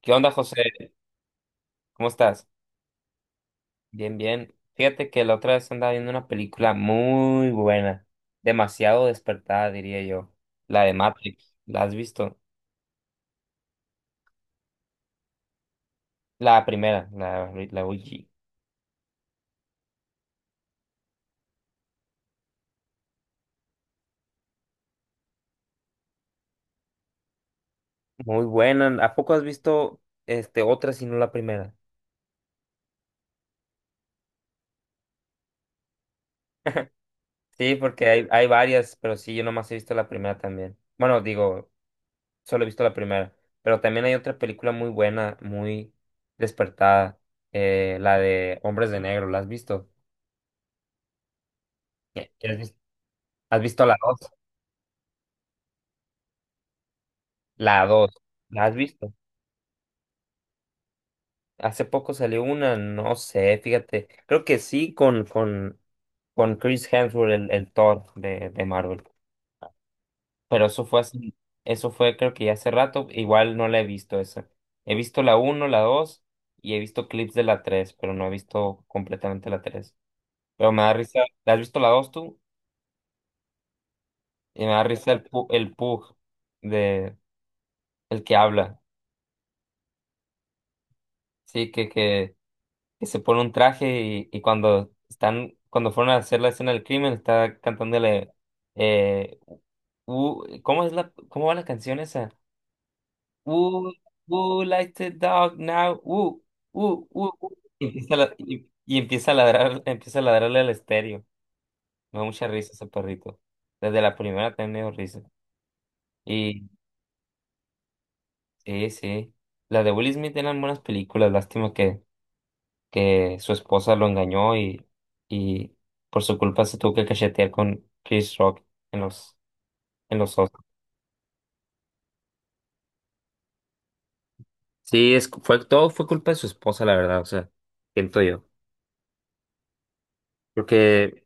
¿Qué onda, José? ¿Cómo estás? Bien, bien. Fíjate que la otra vez andaba viendo una película muy buena, demasiado despertada, diría yo. La de Matrix, ¿la has visto? La primera, la OG. Muy buena. ¿A poco has visto este, otra si no la primera? Sí, porque hay varias, pero sí, yo nomás he visto la primera también. Bueno, digo, solo he visto la primera, pero también hay otra película muy buena, muy despertada, la de Hombres de Negro, ¿la has visto? ¿Quieres ¿Has visto la 2, La 2, ¿la has visto? Hace poco salió una, no sé, fíjate. Creo que sí con Chris Hemsworth, el Thor de Marvel. Pero eso fue así, eso fue creo que ya hace rato, igual no la he visto esa. He visto la uno, la 2 y he visto clips de la 3, pero no he visto completamente la 3. Pero me da risa, ¿la has visto la 2 tú? Y me da risa el Pug de el que habla. Sí, que se pone un traje y cuando fueron a hacer la escena del crimen, está cantándole, eh, ¿cómo es la, cómo va la canción esa? Who, who likes the dog now? Who, who, who, who". Y empieza a ladrar, empieza a ladrarle al estéreo. Me da mucha risa ese perrito. Desde la primera también me dio risa. Y sí, sí. Las de Will Smith eran buenas películas, lástima que su esposa lo engañó y por su culpa se tuvo que cachetear con Chris Rock en los, en los Oscars. Sí, todo fue culpa de su esposa, la verdad, o sea, siento yo. Porque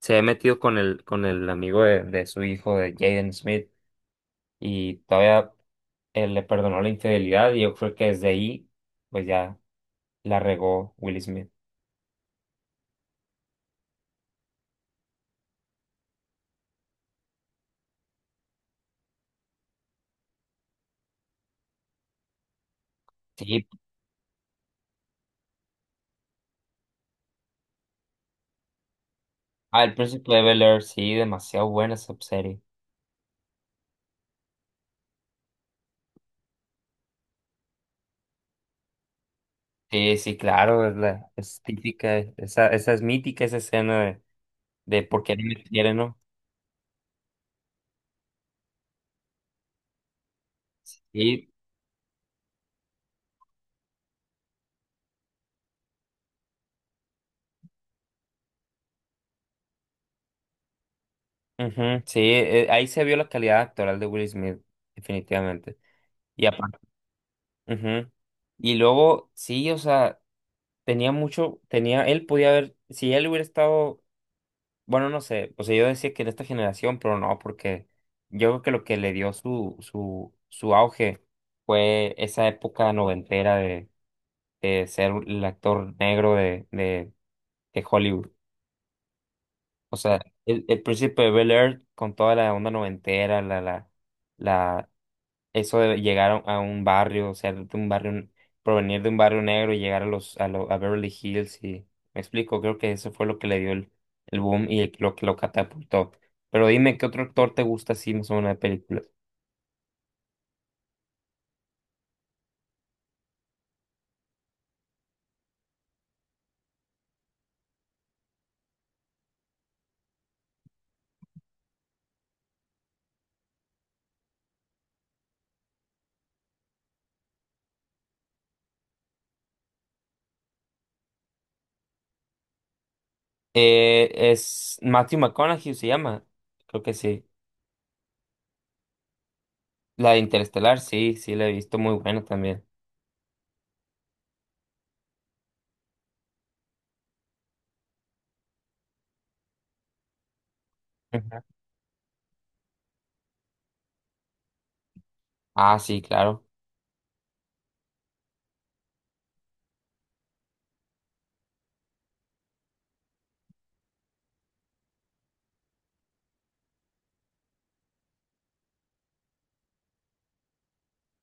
se ha metido con el amigo de su hijo, de Jaden Smith, y todavía él le perdonó la infidelidad y yo creo que desde ahí, pues ya la regó Will Smith. Sí, al Príncipe de Bel-Air, sí, demasiado buena esa serie. Sí, sí, claro, es típica, esa es mítica, esa escena de por qué no me quieren, ¿no? Y, ujú, sí, ahí se vio la calidad actoral de Will Smith, definitivamente. Y aparte, ujú. Y luego, sí, o sea, él podía haber, si él hubiera estado, bueno, no sé, o sea, yo decía que en esta generación, pero no, porque yo creo que lo que le dio su auge fue esa época noventera de ser el actor negro de que Hollywood. O sea, el Príncipe de Bel-Air con toda la onda noventera, la, eso de llegar a un barrio, o sea, de un barrio, provenir de un barrio negro y llegar a los, a, lo- a Beverly Hills y, me explico, creo que eso fue lo que le dio el boom y lo que lo catapultó. Pero dime, ¿qué otro actor te gusta así más o menos de películas? Es Matthew McConaughey se llama, creo que sí. La de Interestelar, sí, sí, la he visto muy buena también. Ujú. Ah, sí, claro.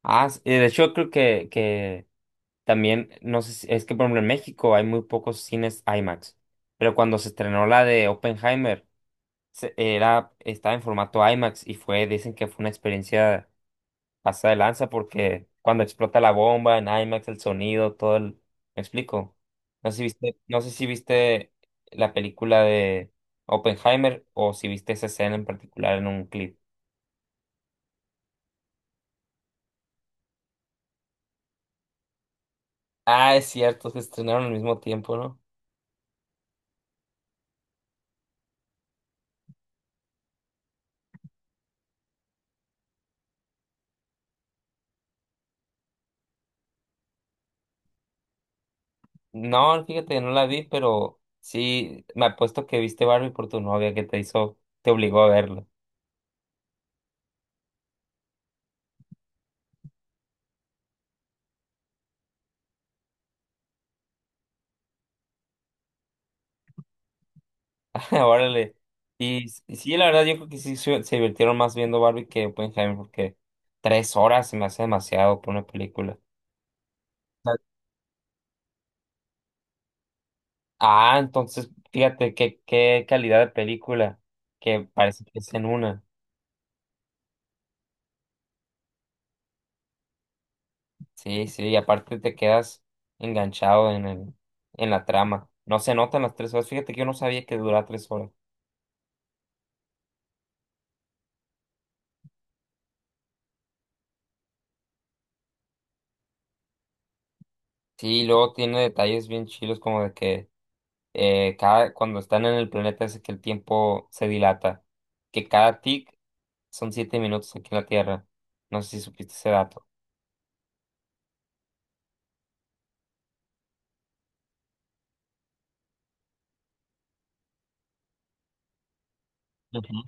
Ah, de hecho creo que también, no sé si- es que por ejemplo en México hay muy pocos cines IMAX, pero cuando se estrenó la de Oppenheimer, estaba en formato IMAX y dicen que fue una experiencia pasada de lanza porque cuando explota la bomba en IMAX, el sonido, todo el. ¿Me explico? No sé si viste la película de Oppenheimer o si viste esa escena en particular en un clip. Ah, es cierto, se estrenaron al mismo tiempo, ¿no? No, fíjate, no la vi, pero sí, me apuesto que viste Barbie por tu novia que te obligó a verlo. Órale. Y sí, la verdad, yo creo que sí se divirtieron más viendo Barbie que Oppenheimer, porque 3 horas se me hace demasiado por una película. Ah, Ah, entonces, fíjate qué calidad de película, que parece que es en una. Sí, sí, y aparte te quedas enganchado en la trama. No se notan las 3 horas. Fíjate que yo no sabía que duraba 3 horas. Sí, y luego tiene detalles bien chilos como de que cuando están en el planeta es que el tiempo se dilata, que cada tic son 7 minutos aquí en la Tierra. No sé si supiste ese dato. Ujú.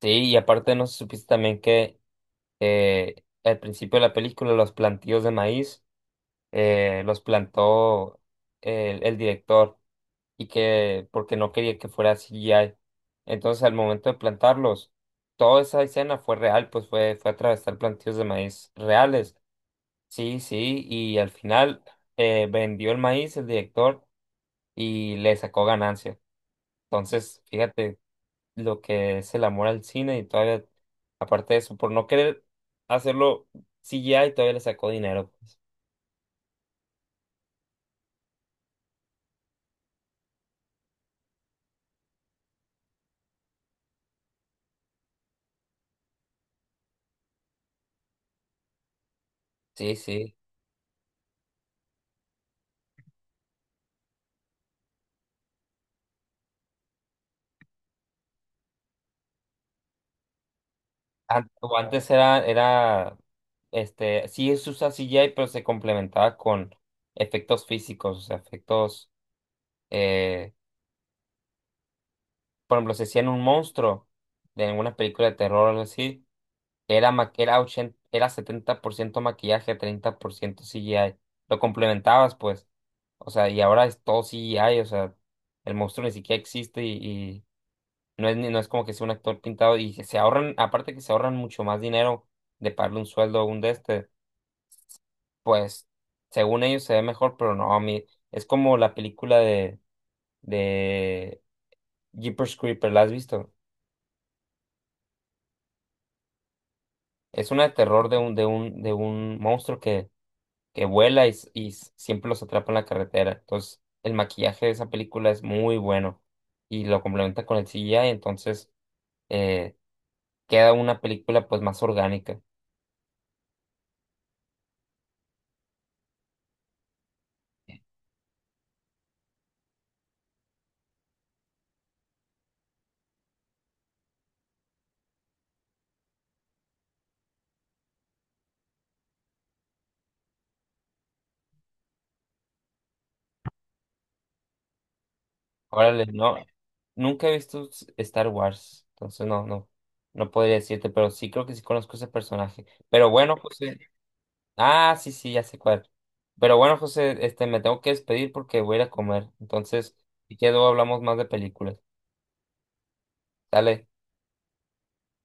Sí, y aparte no sé si supiste también que eh, al principio de la película los plantíos de maíz los plantó el director y que porque no quería que fuera CGI. Entonces, al momento de plantarlos, toda esa escena fue real, pues fue atravesar plantíos de maíz reales. Sí, sí, y al final vendió el maíz el director y le sacó ganancia. Entonces, fíjate lo que es el amor al cine y todavía, aparte de eso, por no querer hacerlo CGI, todavía le sacó dinero, pues. Sí, sí. An- o Antes sí se usa CGI, pero se complementaba con efectos físicos, o sea, efectos, eh, por ejemplo, se hacían un monstruo de alguna película de terror o algo así, era, ma- era, 80, era 70% maquillaje, 30% CGI, lo complementabas, pues, o sea, y ahora es todo CGI, o sea, el monstruo ni siquiera existe y no es como que sea un actor pintado y se ahorran, aparte que se ahorran mucho más dinero de pagarle un sueldo a un de este. Pues según ellos se ve mejor, pero no, a mí es como la película de Jeepers Creepers, ¿la has visto? Es una de terror de un monstruo que vuela y siempre los atrapa en la carretera. Entonces, el maquillaje de esa película es muy bueno y lo complementa con el CGI, entonces eh, queda una película pues más orgánica. Órale, no, nunca he visto Star Wars, entonces no, no, no podría decirte, pero sí creo que sí conozco ese personaje. Pero bueno, pues. Ah, sí, sí, ya sé cuál. Pero bueno, José, me tengo que despedir porque voy a ir a comer. Entonces, si quedo, hablamos más de películas. Dale.